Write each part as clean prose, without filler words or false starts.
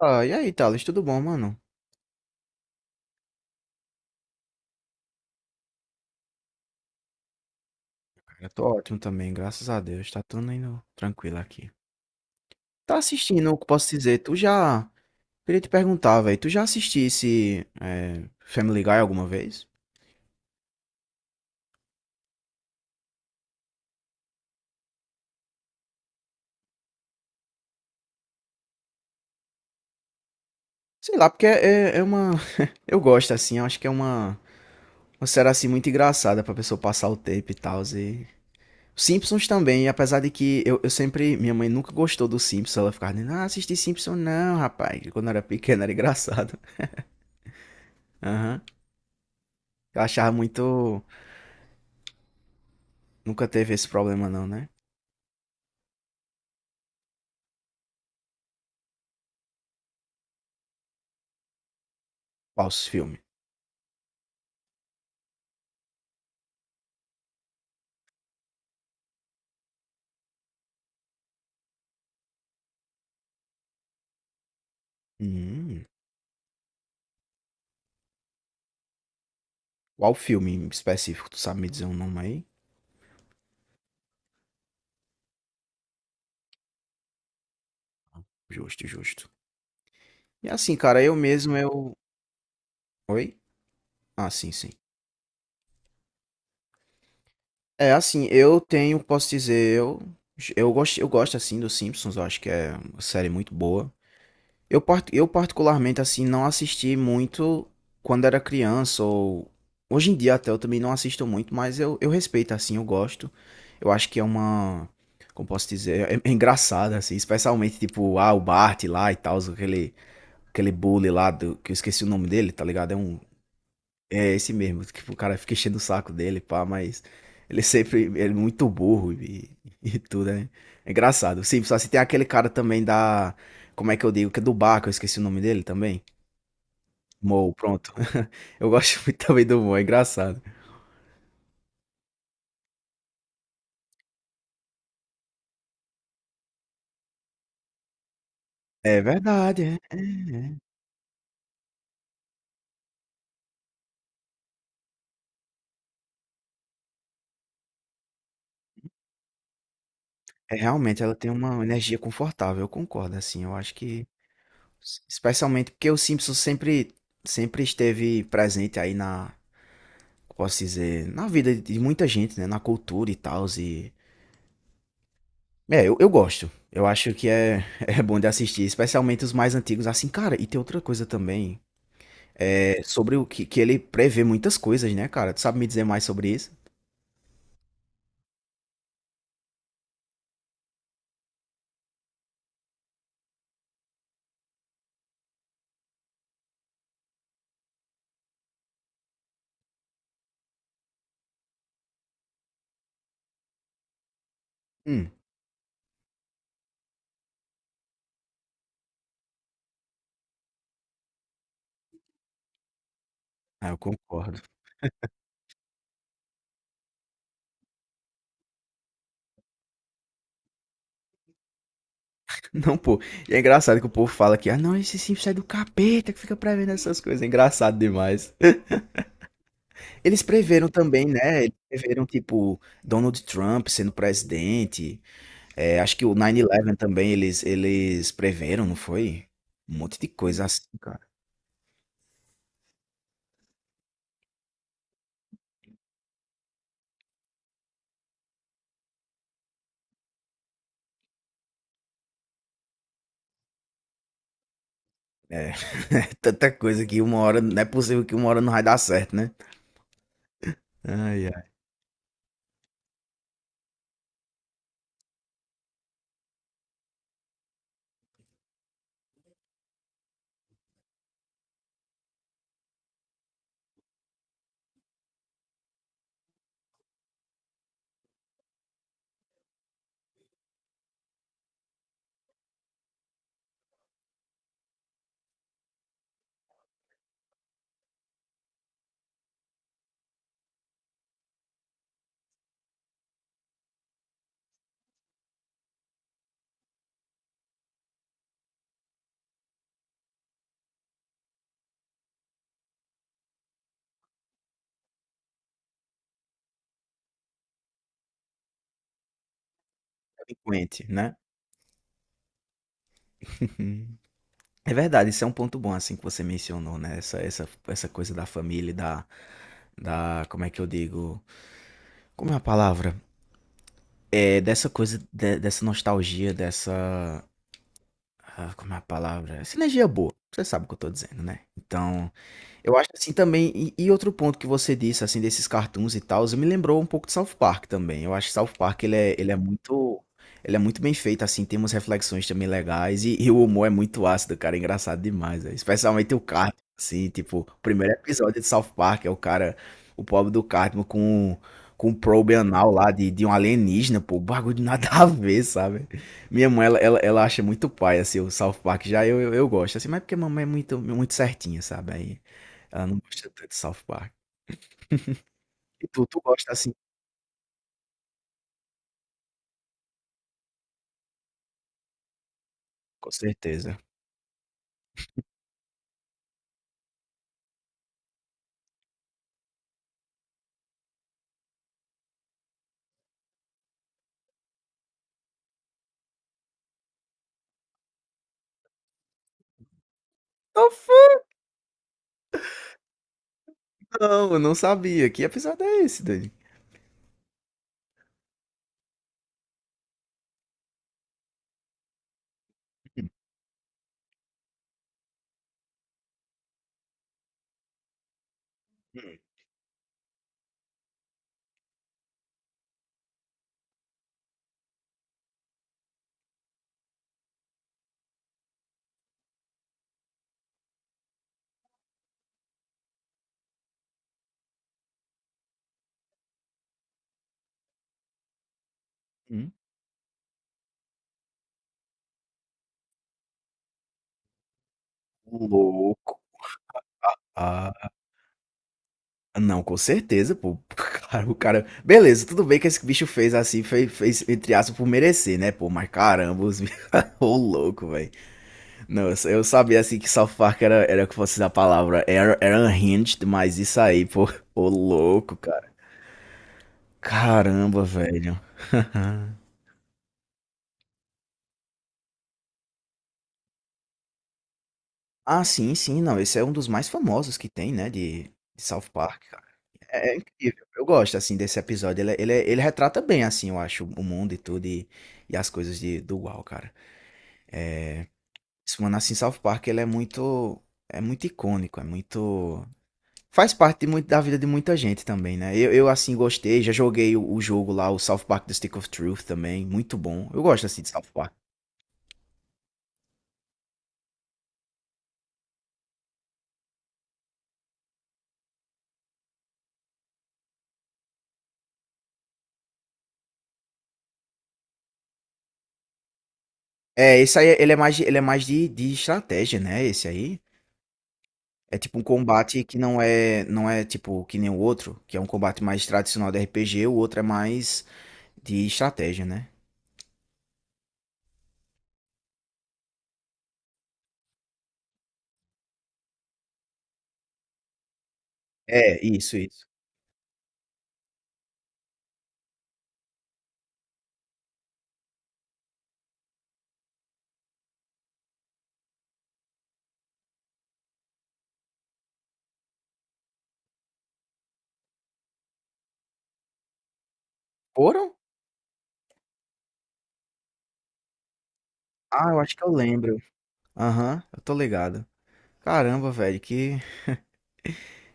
Ah, e aí, Thales, tudo bom, mano? Cara, eu tô ótimo também, graças a Deus, tá tudo indo tranquilo aqui. Tá assistindo, o que posso dizer? Tu já. Queria te perguntar, velho, tu já assistisse é, Family Guy alguma vez? Sei lá, porque é, é uma. Eu gosto, assim, eu acho que é uma. Uma série assim muito engraçada pra pessoa passar o tempo e tal. E... Simpsons também, apesar de que eu sempre. Minha mãe nunca gostou do Simpsons, ela ficava dizendo, ah, assisti Simpsons não, rapaz. Quando eu era pequena era engraçado. Aham. Eu achava muito. Nunca teve esse problema não, né? Qual os filmes? Hum, qual filme em específico? Tu sabe me dizer um nome aí? Justo, justo. E assim, cara, eu mesmo, eu... Oi? Ah, sim, sim. É, assim, eu tenho, posso dizer, eu gosto, assim, dos Simpsons. Eu acho que é uma série muito boa. Eu, eu particularmente, assim, não assisti muito quando era criança, ou hoje em dia até eu também não assisto muito, mas eu respeito, assim, eu gosto. Eu acho que é uma, como posso dizer, é engraçada, assim, especialmente, tipo, ah, o Bart lá e tal, aquele, aquele bully lá, do, que eu esqueci o nome dele, tá ligado? É um é esse mesmo, tipo, o cara fica enchendo o saco dele, pá, mas ele sempre ele é muito burro e tudo, né? É engraçado. Sim, só se tem aquele cara também da. Como é que eu digo? Que é do bar, que eu esqueci o nome dele também. Mo, pronto. Eu gosto muito também do Mo, é engraçado. É verdade, é. É, realmente ela tem uma energia confortável, eu concordo, assim, eu acho que. Especialmente porque o Simpson sempre, sempre esteve presente aí na. Posso dizer, na vida de muita gente, né? Na cultura e tal, e é, eu gosto. Eu acho que é, é bom de assistir, especialmente os mais antigos. Assim, cara, e tem outra coisa também. É sobre o que, que ele prevê muitas coisas, né, cara? Tu sabe me dizer mais sobre isso? Hum, ah, eu concordo. Não, pô. E é engraçado que o povo fala que, ah, não, esse Simpsons é do capeta que fica prevendo essas coisas. É engraçado demais. Eles preveram também, né? Eles preveram, tipo, Donald Trump sendo presidente. É, acho que o 9-11 também eles preveram, não foi? Um monte de coisa assim, cara. É, tanta coisa que uma hora, não é possível que uma hora não vai dar certo, né? Ai, ai, delinquente, né? Uhum. É verdade, isso é um ponto bom, assim, que você mencionou, né? Essa coisa da família, e da, da, como é que eu digo? Como é a palavra? É, dessa coisa, dessa nostalgia, dessa, ah, como é a palavra? Sinergia boa, você sabe o que eu tô dizendo, né? Então, eu acho assim também, e outro ponto que você disse, assim, desses cartoons e tal, me lembrou um pouco de South Park também. Eu acho que South Park, ele é muito, ele é muito bem feito, assim, tem umas reflexões também legais, e o humor é muito ácido, cara, é engraçado demais, velho. Especialmente o Cartman, assim, tipo, o primeiro episódio de South Park é o cara, o pobre do Cartman com um probe anal lá de um alienígena, pô, bagulho de nada a ver, sabe? Minha mãe, ela acha muito pai, assim, o South Park, já eu, eu gosto, assim, mas é porque a mamãe é muito, muito certinha, sabe? Aí... Ela não gosta tanto de South Park. E tu, tu gosta assim com certeza. Tô fã. Não, eu não sabia. Que episódio é esse, Dani? Hum, hum. Louco. Ah, não, com certeza, pô. Cara, o cara. Beleza, tudo bem que esse bicho fez assim, fez, fez entre aspas por merecer, né, pô? Mas caramba, os bichos. Ô, louco, velho. Não, eu, eu sabia assim que South Park era, era que fosse a palavra. Era, era unhinged, mas isso aí, pô. Ô, louco, cara. Caramba, velho. Ah, sim, sim. Não, esse é um dos mais famosos que tem, né, de South Park, cara. É incrível. Eu gosto, assim, desse episódio. Ele é, ele retrata bem, assim, eu acho, o mundo e tudo e as coisas de do UOL, cara. Esse mano, assim, South Park, ele é muito icônico, é muito faz parte de muito da vida de muita gente também, né. Eu, assim, gostei. Já joguei o jogo lá, o South Park: The Stick of Truth também, muito bom. Eu gosto, assim, de South Park. É, esse aí ele é mais de estratégia, né, esse aí. É tipo um combate que não é tipo que nem o outro, que é um combate mais tradicional de RPG, o outro é mais de estratégia, né? É, isso, isso. Foram? Ah, eu acho que eu lembro. Aham, eu tô ligado. Caramba, velho, que.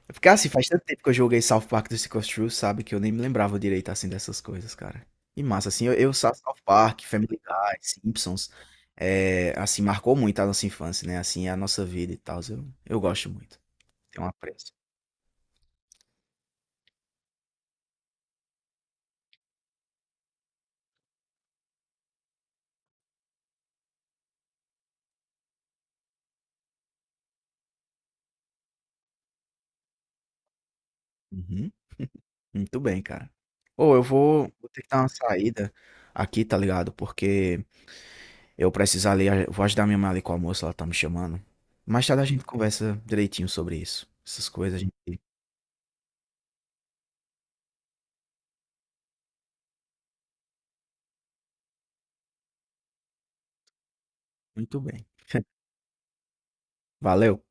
Porque assim, faz tanto tempo que eu joguei South Park do Stick of Truth, sabe? Que eu nem me lembrava direito assim dessas coisas, cara. E massa, assim, eu South Park, Family Guy, Simpsons, é, assim, marcou muito a nossa infância, né? Assim, a nossa vida e tal. Eu gosto muito. Tem um apreço. Uhum. Muito bem, cara. Ou eu vou ter que dar uma saída aqui, tá ligado? Porque eu preciso ali, eu vou ajudar minha mãe ali com o almoço, ela tá me chamando. Mais tarde a gente conversa direitinho sobre isso. Essas coisas a gente. Muito bem. Valeu.